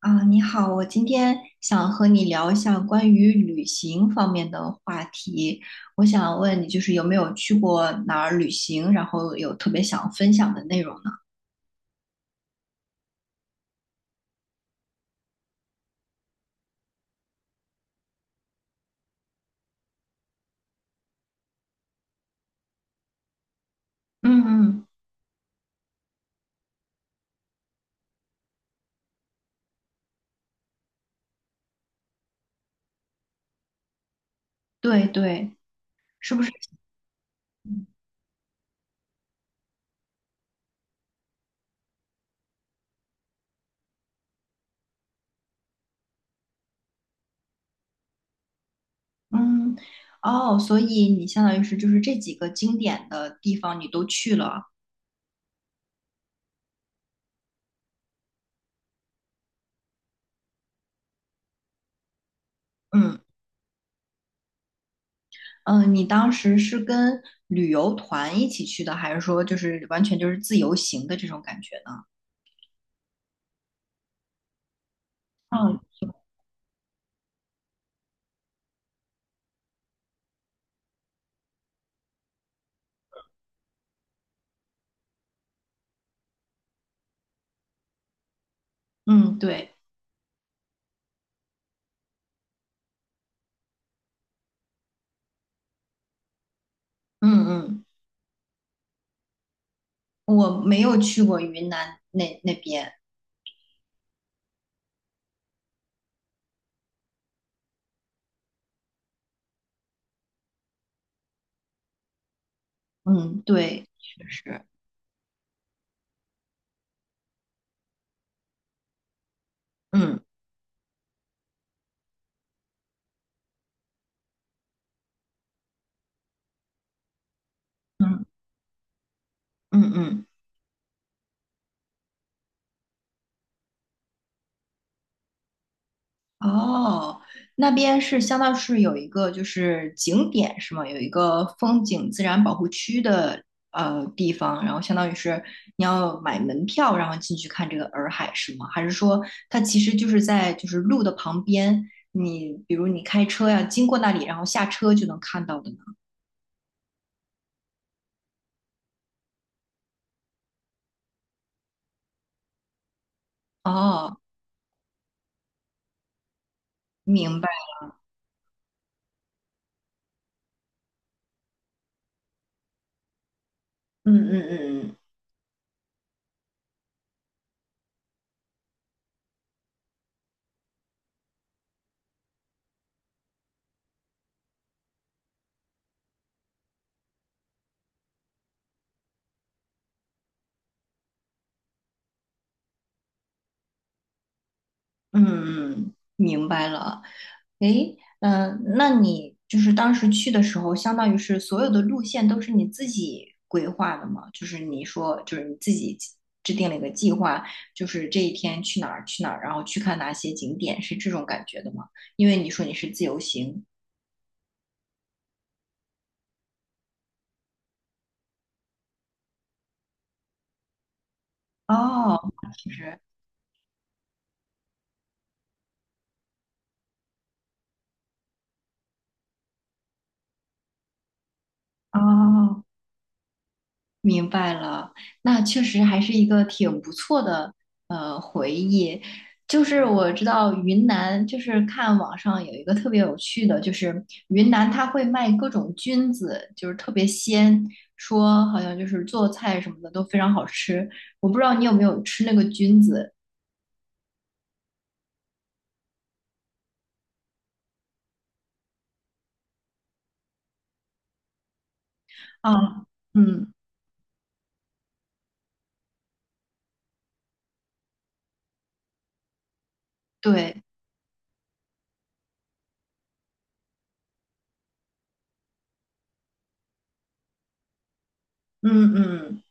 啊，你好，我今天想和你聊一下关于旅行方面的话题。我想问你，就是有没有去过哪儿旅行，然后有特别想分享的内容呢？嗯嗯，对对，是不是？嗯，哦，所以你相当于是就是这几个经典的地方你都去了。嗯嗯，你当时是跟旅游团一起去的，还是说就是完全就是自由行的这种感觉呢？嗯嗯，对，嗯嗯。我没有去过云南那边，嗯，对，确实，嗯嗯嗯嗯，哦，那边是相当是有一个就是景点是吗？有一个风景自然保护区的地方，然后相当于是你要买门票，然后进去看这个洱海是吗？还是说它其实就是在就是路的旁边，你比如你开车呀经过那里，然后下车就能看到的呢？哦，明白，嗯嗯嗯嗯嗯，嗯明白了。诶，那你就是当时去的时候，相当于是所有的路线都是你自己规划的吗？就是你说，就是你自己制定了一个计划，就是这一天去哪儿去哪儿，然后去看哪些景点，是这种感觉的吗？因为你说你是自由行。哦，其实，哦，明白了，那确实还是一个挺不错的回忆。就是我知道云南，就是看网上有一个特别有趣的，就是云南它会卖各种菌子，就是特别鲜，说好像就是做菜什么的都非常好吃。我不知道你有没有吃那个菌子啊？嗯，对，嗯嗯。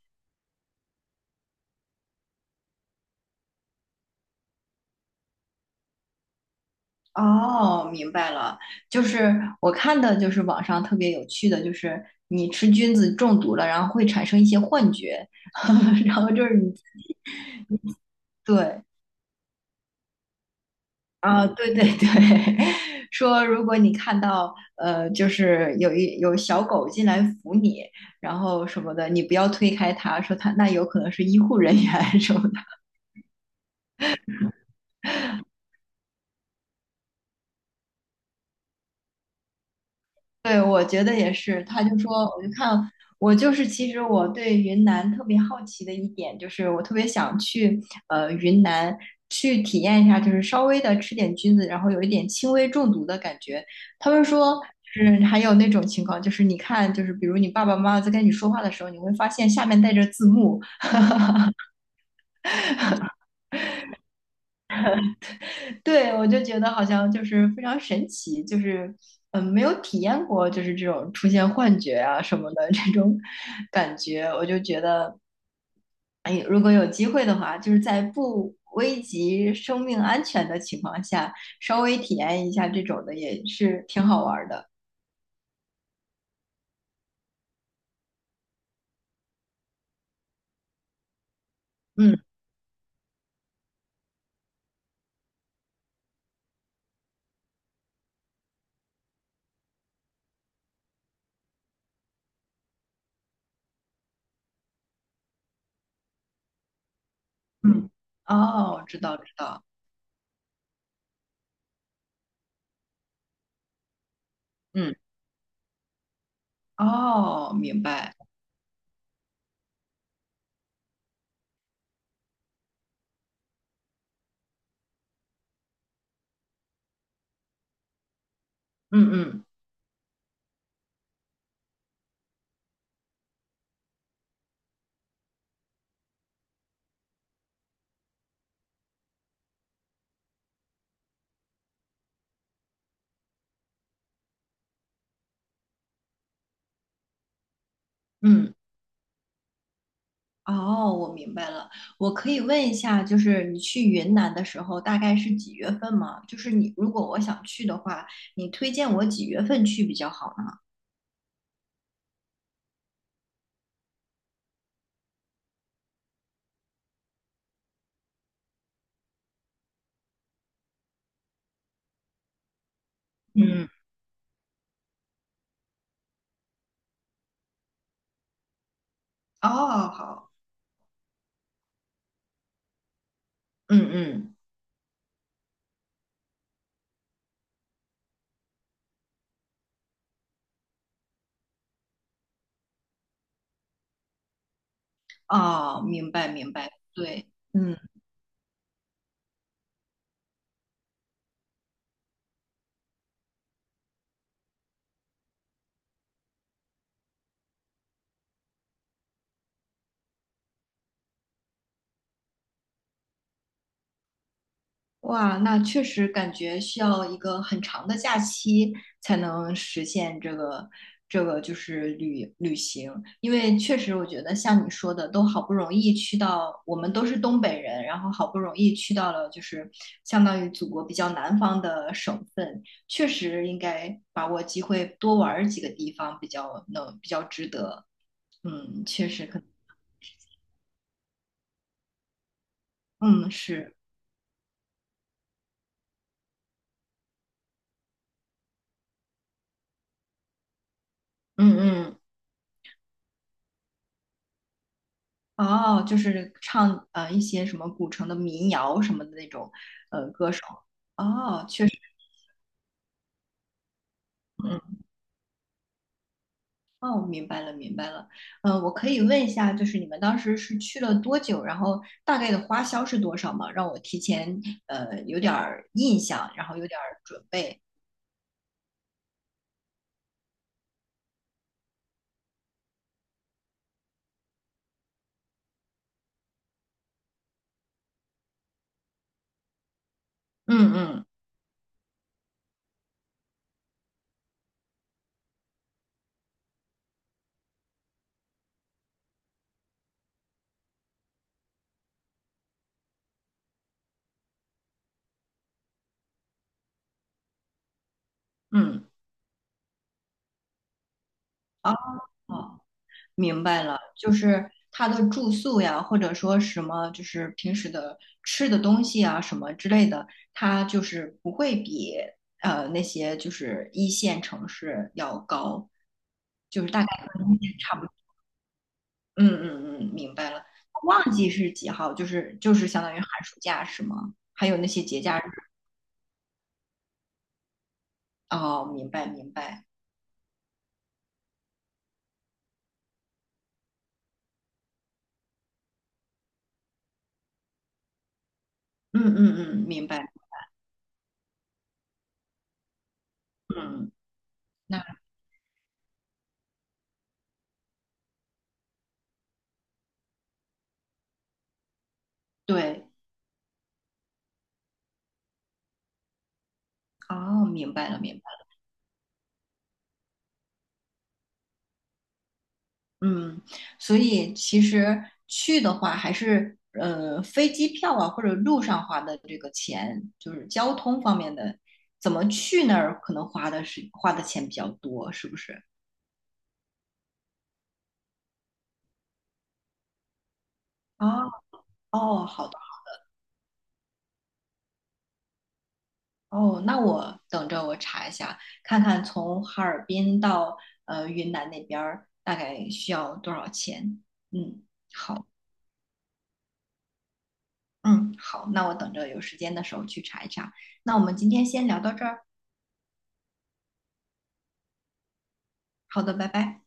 哦，明白了，就是我看的，就是网上特别有趣的，就是你吃菌子中毒了，然后会产生一些幻觉，然后就是你对啊，对对对，说如果你看到就是有小狗进来扶你，然后什么的，你不要推开它，说它那有可能是医护人员 什么的。对，我觉得也是。他就说，我就看，我就是其实我对云南特别好奇的一点，就是我特别想去云南去体验一下，就是稍微的吃点菌子，然后有一点轻微中毒的感觉。他们说，就是还有那种情况，就是你看，就是比如你爸爸妈妈在跟你说话的时候，你会发现下面带着字幕。对，我就觉得好像就是非常神奇，就是没有体验过就是这种出现幻觉啊什么的这种感觉，我就觉得。哎，如果有机会的话，就是在不危及生命安全的情况下，稍微体验一下这种的也是挺好玩儿的。嗯嗯，哦，知道知道，嗯，哦，明白，嗯嗯嗯，哦，我明白了。我可以问一下，就是你去云南的时候大概是几月份吗？就是你如果我想去的话，你推荐我几月份去比较好呢？嗯，哦，好，嗯嗯，哦，明白明白，对，嗯。哇，那确实感觉需要一个很长的假期才能实现这个就是旅行，因为确实我觉得像你说的，都好不容易去到，我们都是东北人，然后好不容易去到了就是相当于祖国比较南方的省份，确实应该把握机会多玩儿几个地方，比较能比较值得。嗯，确实可，嗯，是，嗯嗯。哦，就是唱一些什么古城的民谣什么的那种。哦，确实，嗯。哦，明白了，明白了。我可以问一下，就是你们当时是去了多久，然后大概的花销是多少吗？让我提前有点儿印象，然后有点儿准备。嗯嗯嗯。哦明白了，就是他的住宿呀，或者说什么，就是平时的吃的东西啊，什么之类的，他就是不会比那些就是一线城市要高，就是大概跟一线差不多嗯嗯嗯，明白了。旺季是几号？就是相当于寒暑假是吗？还有那些节假日。哦，明白明白。嗯嗯嗯，明白。嗯，那对。哦，明白了明白了。嗯，所以其实去的话，还是飞机票啊，或者路上花的这个钱，就是交通方面的，怎么去那儿可能花的钱比较多，是不是？啊，哦，好的，哦，那我等着我查一下，看看从哈尔滨到云南那边儿大概需要多少钱。嗯，好，嗯，好，那我等着有时间的时候去查一查。那我们今天先聊到这儿，好的，拜拜。